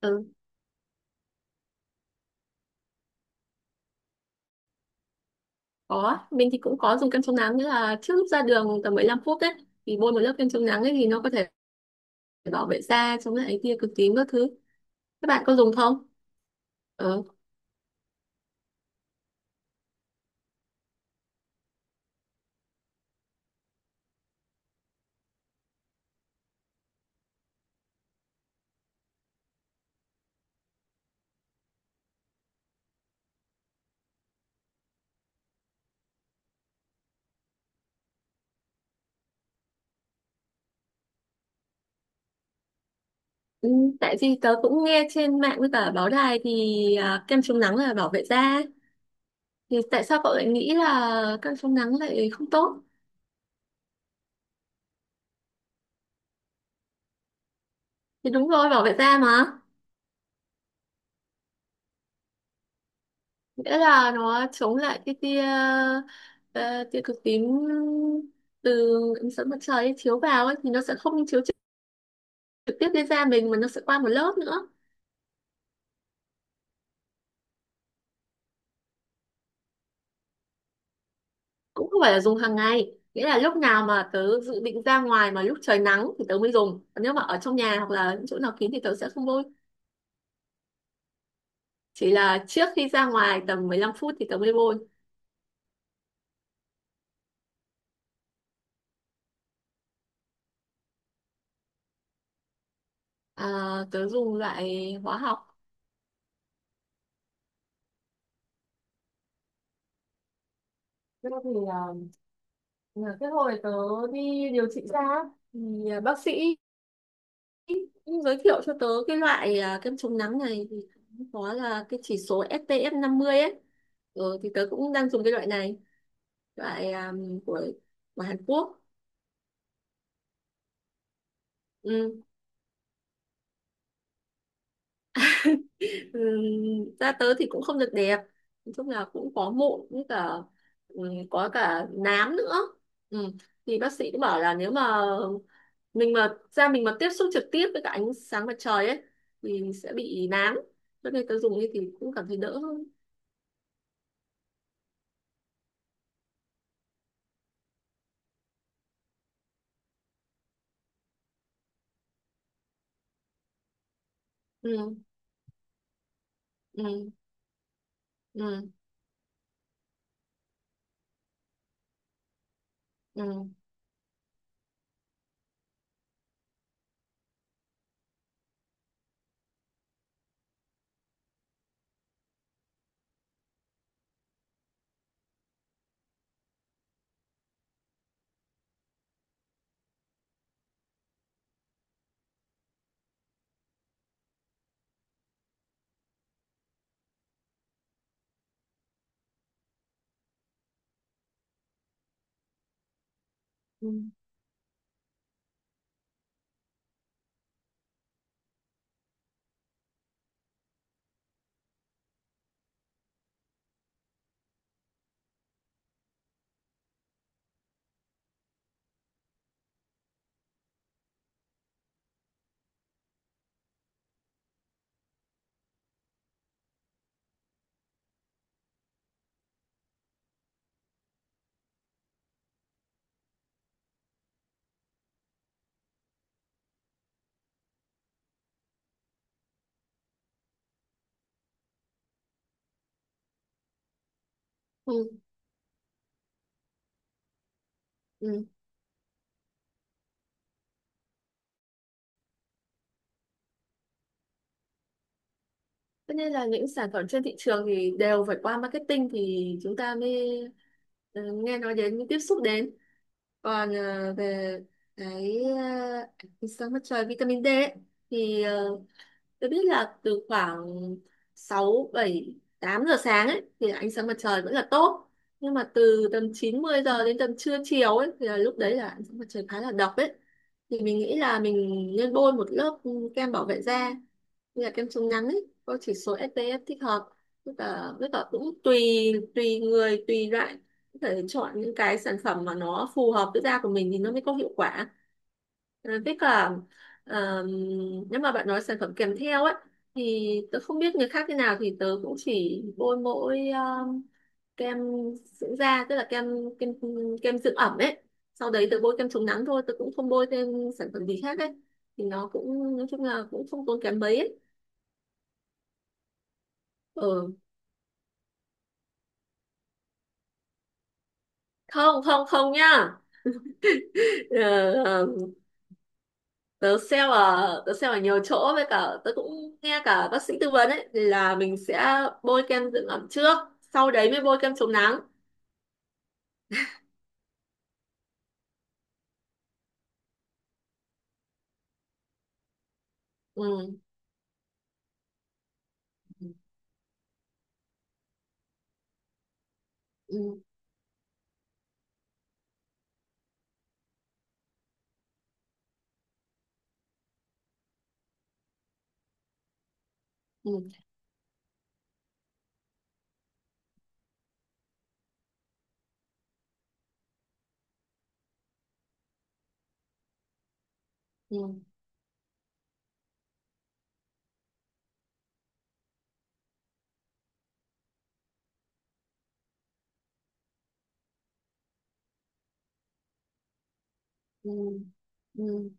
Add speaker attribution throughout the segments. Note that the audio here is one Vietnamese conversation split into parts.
Speaker 1: Ừ, có. Mình thì cũng có dùng kem chống nắng, nghĩa là trước lúc ra đường tầm 15 phút đấy thì bôi một lớp kem chống nắng ấy thì nó có thể bảo vệ da, chống lại tia cực tím các thứ. Các bạn có dùng không? Ờ. Ừ, tại vì tớ cũng nghe trên mạng với cả báo đài thì kem chống nắng là bảo vệ da. Thì tại sao cậu lại nghĩ là kem chống nắng lại không tốt? Thì đúng rồi, bảo vệ da mà. Nghĩa là nó chống lại cái tia cực tím từ ánh sáng mặt trời ấy, chiếu vào ấy thì nó sẽ không chiếu trực tiếp lên da mình mà nó sẽ qua một lớp nữa. Cũng không phải là dùng hàng ngày, nghĩa là lúc nào mà tớ dự định ra ngoài mà lúc trời nắng thì tớ mới dùng, còn nếu mà ở trong nhà hoặc là những chỗ nào kín thì tớ sẽ không bôi. Chỉ là trước khi ra ngoài tầm 15 phút thì tớ mới bôi. à, Tớ dùng loại hóa học. Thế thì là cái hồi tớ đi điều trị da ấy, thì bác sĩ cũng giới thiệu cho tớ cái loại kem chống nắng này, thì có là cái chỉ số SPF 50 ấy. Ừ, thì tớ cũng đang dùng cái loại này, loại của Hàn Quốc. Ừ. Ừ. Da tớ thì cũng không được đẹp, nói chung là cũng có mụn với cả, ừ, có cả nám nữa. Ừ. Thì bác sĩ cũng bảo là nếu mà mình mà da mình mà tiếp xúc trực tiếp với cả ánh sáng mặt trời ấy thì sẽ bị nám, cho nên tớ dùng như thì cũng cảm thấy đỡ hơn. Ừ. Ừ. Ừ. Ừ. Ừ. Ừ. Ừ. Tất nhiên là những sản phẩm trên thị trường thì đều phải qua marketing thì chúng ta mới nghe nói đến, mới tiếp xúc đến. Còn về cái sáng mặt trời, vitamin D ấy, thì tôi biết là từ khoảng 6, 7, 8 giờ sáng ấy thì ánh sáng mặt trời vẫn là tốt. Nhưng mà từ tầm 9, 10 giờ đến tầm trưa chiều ấy thì là lúc đấy là ánh sáng mặt trời khá là độc ấy. Thì mình nghĩ là mình nên bôi một lớp kem bảo vệ da, như là kem chống nắng ấy, có chỉ số SPF thích hợp, tức là cũng tùy tùy người tùy loại, có thể chọn những cái sản phẩm mà nó phù hợp với da của mình thì nó mới có hiệu quả. Với cả ờm, nếu mà bạn nói sản phẩm kèm theo ấy thì tớ không biết người khác thế nào, thì tớ cũng chỉ bôi mỗi kem dưỡng da, tức là kem, kem kem dưỡng ẩm ấy, sau đấy tớ bôi kem chống nắng thôi, tớ cũng không bôi thêm sản phẩm gì khác ấy, thì nó cũng nói chung là cũng không tốn kém mấy ấy. Ừ, không không không nhá. Ờ, ờ, tớ sale ở nhiều chỗ với cả tớ cũng nghe cả bác sĩ tư vấn ấy, thì là mình sẽ bôi kem dưỡng ẩm trước, sau đấy mới bôi kem chống nắng. Ừ. Ừ. Ừ. Ừ. Ừ. Ừ. Ừ.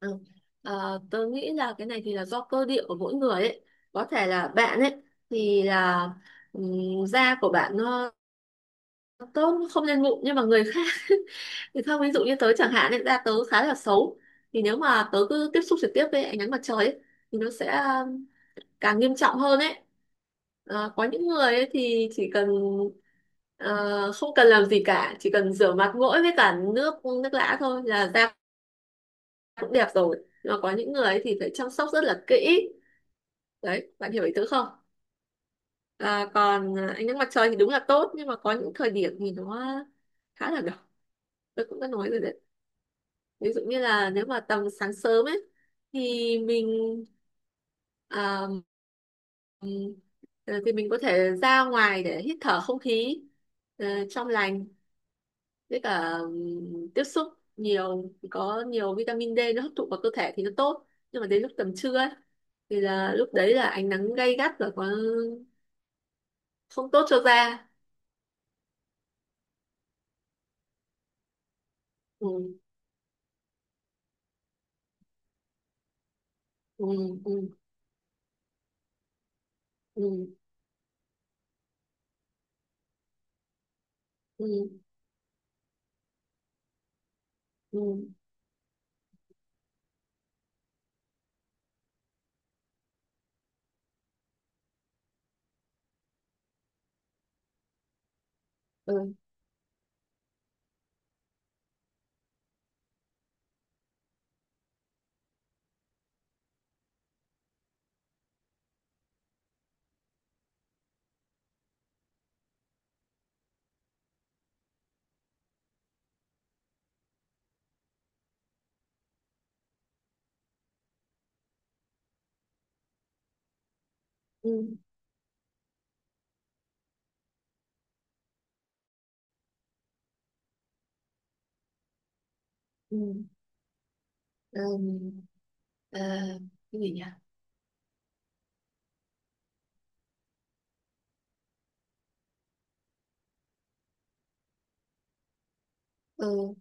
Speaker 1: Ừ. Ờ, tớ nghĩ là cái này thì là do cơ địa của mỗi người ấy, có thể là bạn ấy thì là da của bạn nó tốt, không lên mụn, nhưng mà người khác thì không, ví dụ như tớ chẳng hạn ấy, da tớ khá là xấu, thì nếu mà tớ cứ tiếp xúc trực tiếp với ánh nắng mặt trời ấy thì nó sẽ càng nghiêm trọng hơn ấy. Ờ, có những người ấy thì chỉ cần ờ, không cần làm gì cả, chỉ cần rửa mặt mỗi với cả nước, nước lã thôi là da cũng đẹp rồi, nhưng mà có những người ấy thì phải chăm sóc rất là kỹ. Đấy, bạn hiểu ý tớ không? Còn ánh nắng mặt trời thì đúng là tốt, nhưng mà có những thời điểm thì nó khá là độc, tôi cũng đã nói rồi đấy, ví dụ như là nếu mà tầm sáng sớm ấy thì mình à, ừm, mình có thể ra ngoài để hít thở không khí trong lành, với cả tiếp xúc nhiều, có nhiều vitamin D nó hấp thụ vào cơ thể thì nó tốt, nhưng mà đến lúc tầm trưa ấy thì là lúc đấy là ánh nắng gay gắt và có không tốt cho da. Ừ. Ừ. Ừ. Ừ. Ừ. Ừ. Ừ. Ừ. Ừ. Ừ. Ừ. ờ, cái gì nhỉ? Ừ.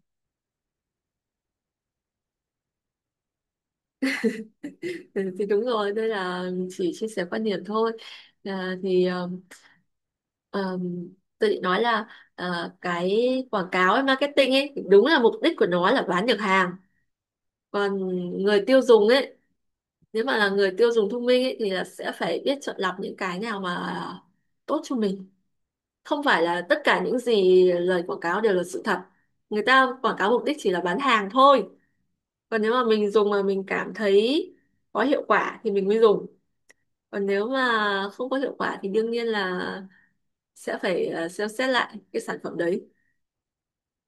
Speaker 1: Ừ, thì đúng rồi, đây là chỉ chia sẻ quan điểm thôi. Thì um, tôi định nói là cái quảng cáo ấy, marketing ấy, đúng là mục đích của nó là bán được hàng. Còn người tiêu dùng ấy, nếu mà là người tiêu dùng thông minh ấy thì là sẽ phải biết chọn lọc những cái nào mà tốt cho mình, không phải là tất cả những gì lời quảng cáo đều là sự thật. Người ta quảng cáo mục đích chỉ là bán hàng thôi, còn nếu mà mình dùng mà mình cảm thấy có hiệu quả thì mình mới dùng, còn nếu mà không có hiệu quả thì đương nhiên là sẽ phải xem xét lại cái sản phẩm đấy,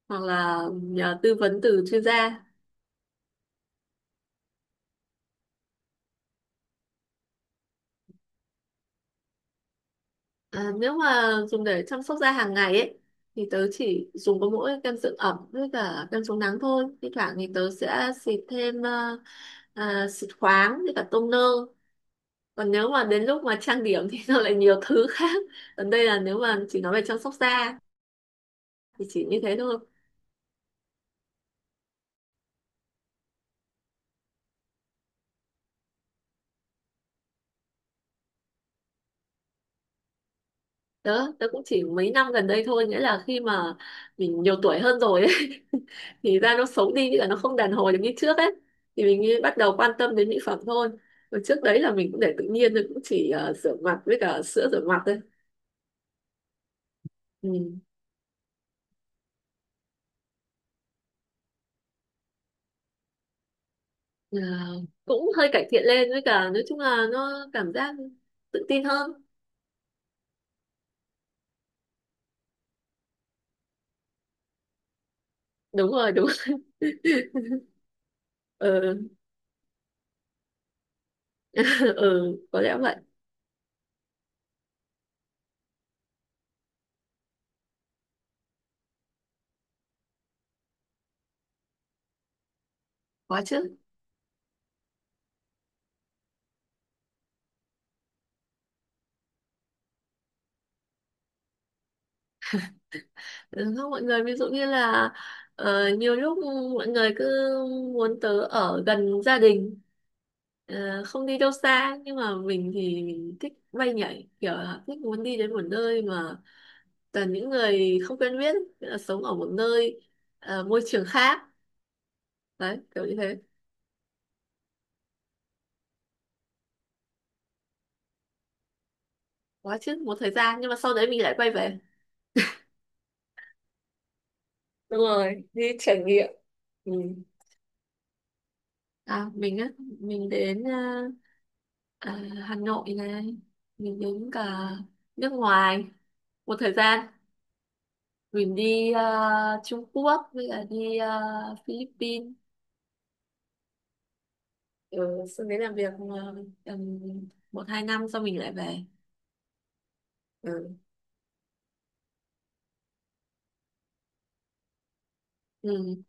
Speaker 1: hoặc là nhờ tư vấn từ chuyên gia. Nếu mà dùng để chăm sóc da hàng ngày ấy thì tớ chỉ dùng có mỗi kem dưỡng ẩm với cả kem chống nắng thôi, thi thoảng thì tớ sẽ xịt thêm xịt khoáng với cả toner. Còn nếu mà đến lúc mà trang điểm thì nó lại nhiều thứ khác. Còn đây là nếu mà chỉ nói về chăm sóc da thì chỉ như thế thôi. Đó, tớ cũng chỉ mấy năm gần đây thôi, nghĩa là khi mà mình nhiều tuổi hơn rồi ấy, thì da nó xấu đi, nghĩa là nó không đàn hồi được như trước ấy, thì mình mới bắt đầu quan tâm đến mỹ phẩm thôi. Còn trước đấy là mình cũng để tự nhiên thôi, cũng chỉ rửa mặt với cả sữa rửa mặt thôi. Ừ. Ờ, cũng hơi cải thiện lên, với cả nói chung là nó cảm giác tự tin hơn. Đúng rồi, đúng. Ừ, ừ, có lẽ vậy. Có chứ. Đúng không mọi người, ví dụ như là nhiều lúc mọi người cứ muốn tớ ở gần gia đình, không đi đâu xa, nhưng mà mình thì mình thích bay nhảy, kiểu là thích muốn đi đến một nơi mà toàn những người không quen biết, nghĩa là sống ở một nơi môi trường khác, đấy kiểu như thế. Quá chứ, một thời gian nhưng mà sau đấy mình lại quay về. Đúng rồi, đi trải nghiệm. Ừ. À, mình đến à, Hà Nội này, mình đến cả nước ngoài một thời gian. Mình đi Trung Quốc với cả đi Philippines. Ừ, xong đến làm việc tầm một hai năm sau mình lại về. Ừ. Ừ.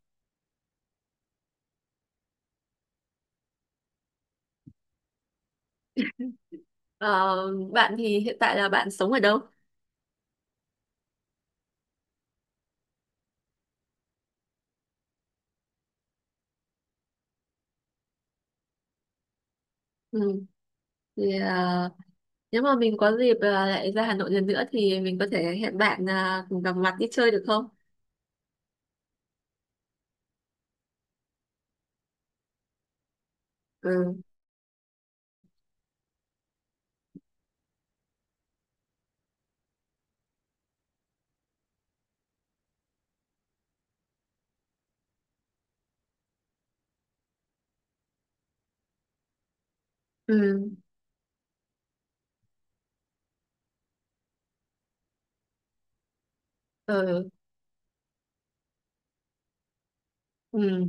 Speaker 1: Ờ, bạn thì hiện tại là bạn sống ở đâu? Ừ. Thì nếu mà mình có dịp lại ra Hà Nội lần nữa thì mình có thể hẹn bạn cùng gặp mặt đi chơi được không? Ừ. Ừ. Ừ. Ừ.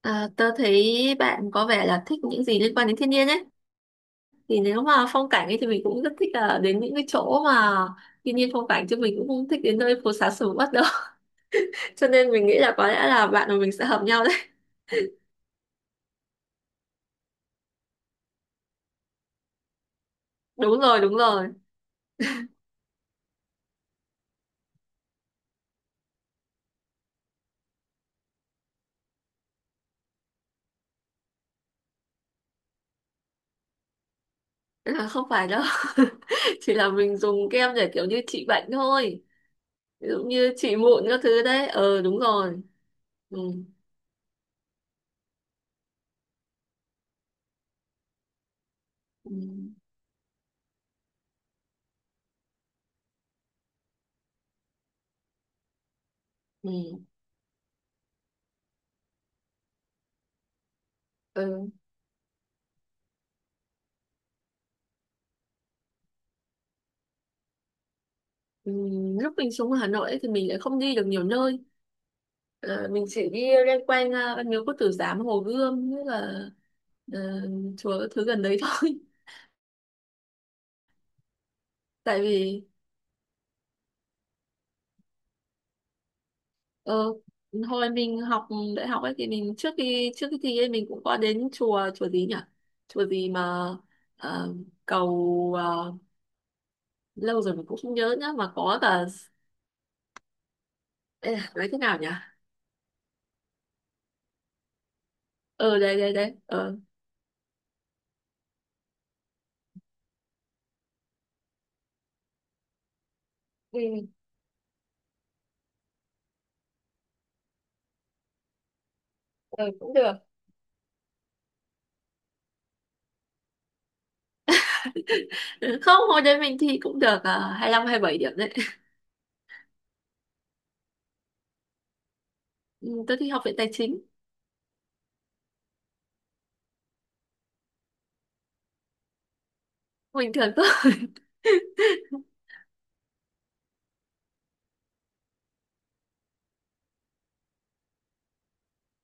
Speaker 1: À, tớ thấy bạn có vẻ là thích những gì liên quan đến thiên nhiên ấy. Thì nếu mà phong cảnh ấy thì mình cũng rất thích là đến những cái chỗ mà thiên nhiên phong cảnh, chứ mình cũng không thích đến nơi phố xá sầm uất đâu. Cho nên mình nghĩ là có lẽ là bạn và mình sẽ hợp nhau đấy. Đúng rồi, đúng rồi. À, không phải đâu. Chỉ là mình dùng kem để kiểu như trị bệnh thôi. Ví dụ như trị mụn các thứ đấy. Ờ, đúng rồi. Ừ. Ừ. Ừ. Ừ. Ừ. Lúc mình xuống Hà Nội ấy thì mình lại không đi được nhiều nơi. Ờ, mình chỉ đi loanh quanh Văn Miếu Quốc Tử Giám, Hồ Gươm, như là ờ, chùa thứ gần đấy thôi. Tại vì ờ, hồi mình học đại học ấy thì mình trước khi thi ấy mình cũng có đến chùa, chùa gì nhỉ, chùa gì mà ờ, cầu lâu rồi mình cũng không nhớ nhá, mà có cả... Ê, nói thế nào nhỉ? Ờ Đây, đây, đây. Ờ Ừ, ừ, cũng được. Không, hồi đấy mình thi cũng được 25 bảy điểm đấy. Ừ, tôi thi Học viện Tài chính. Bình thường thôi.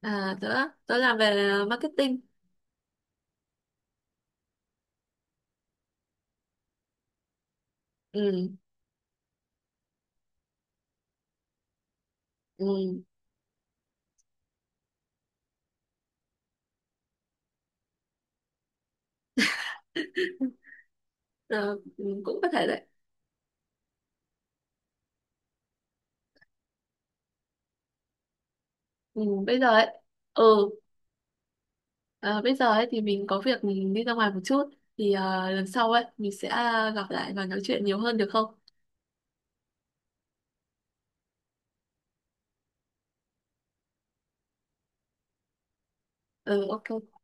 Speaker 1: À, tớ làm về marketing. Ừ, ừ, ờ, ừ, cũng có thể đấy. Ừ, bây giờ ấy ừ ờ, bây giờ ấy thì mình có việc mình đi ra ngoài một chút, thì lần sau ấy mình sẽ gặp lại và nói chuyện nhiều hơn được không? Ừ, ok.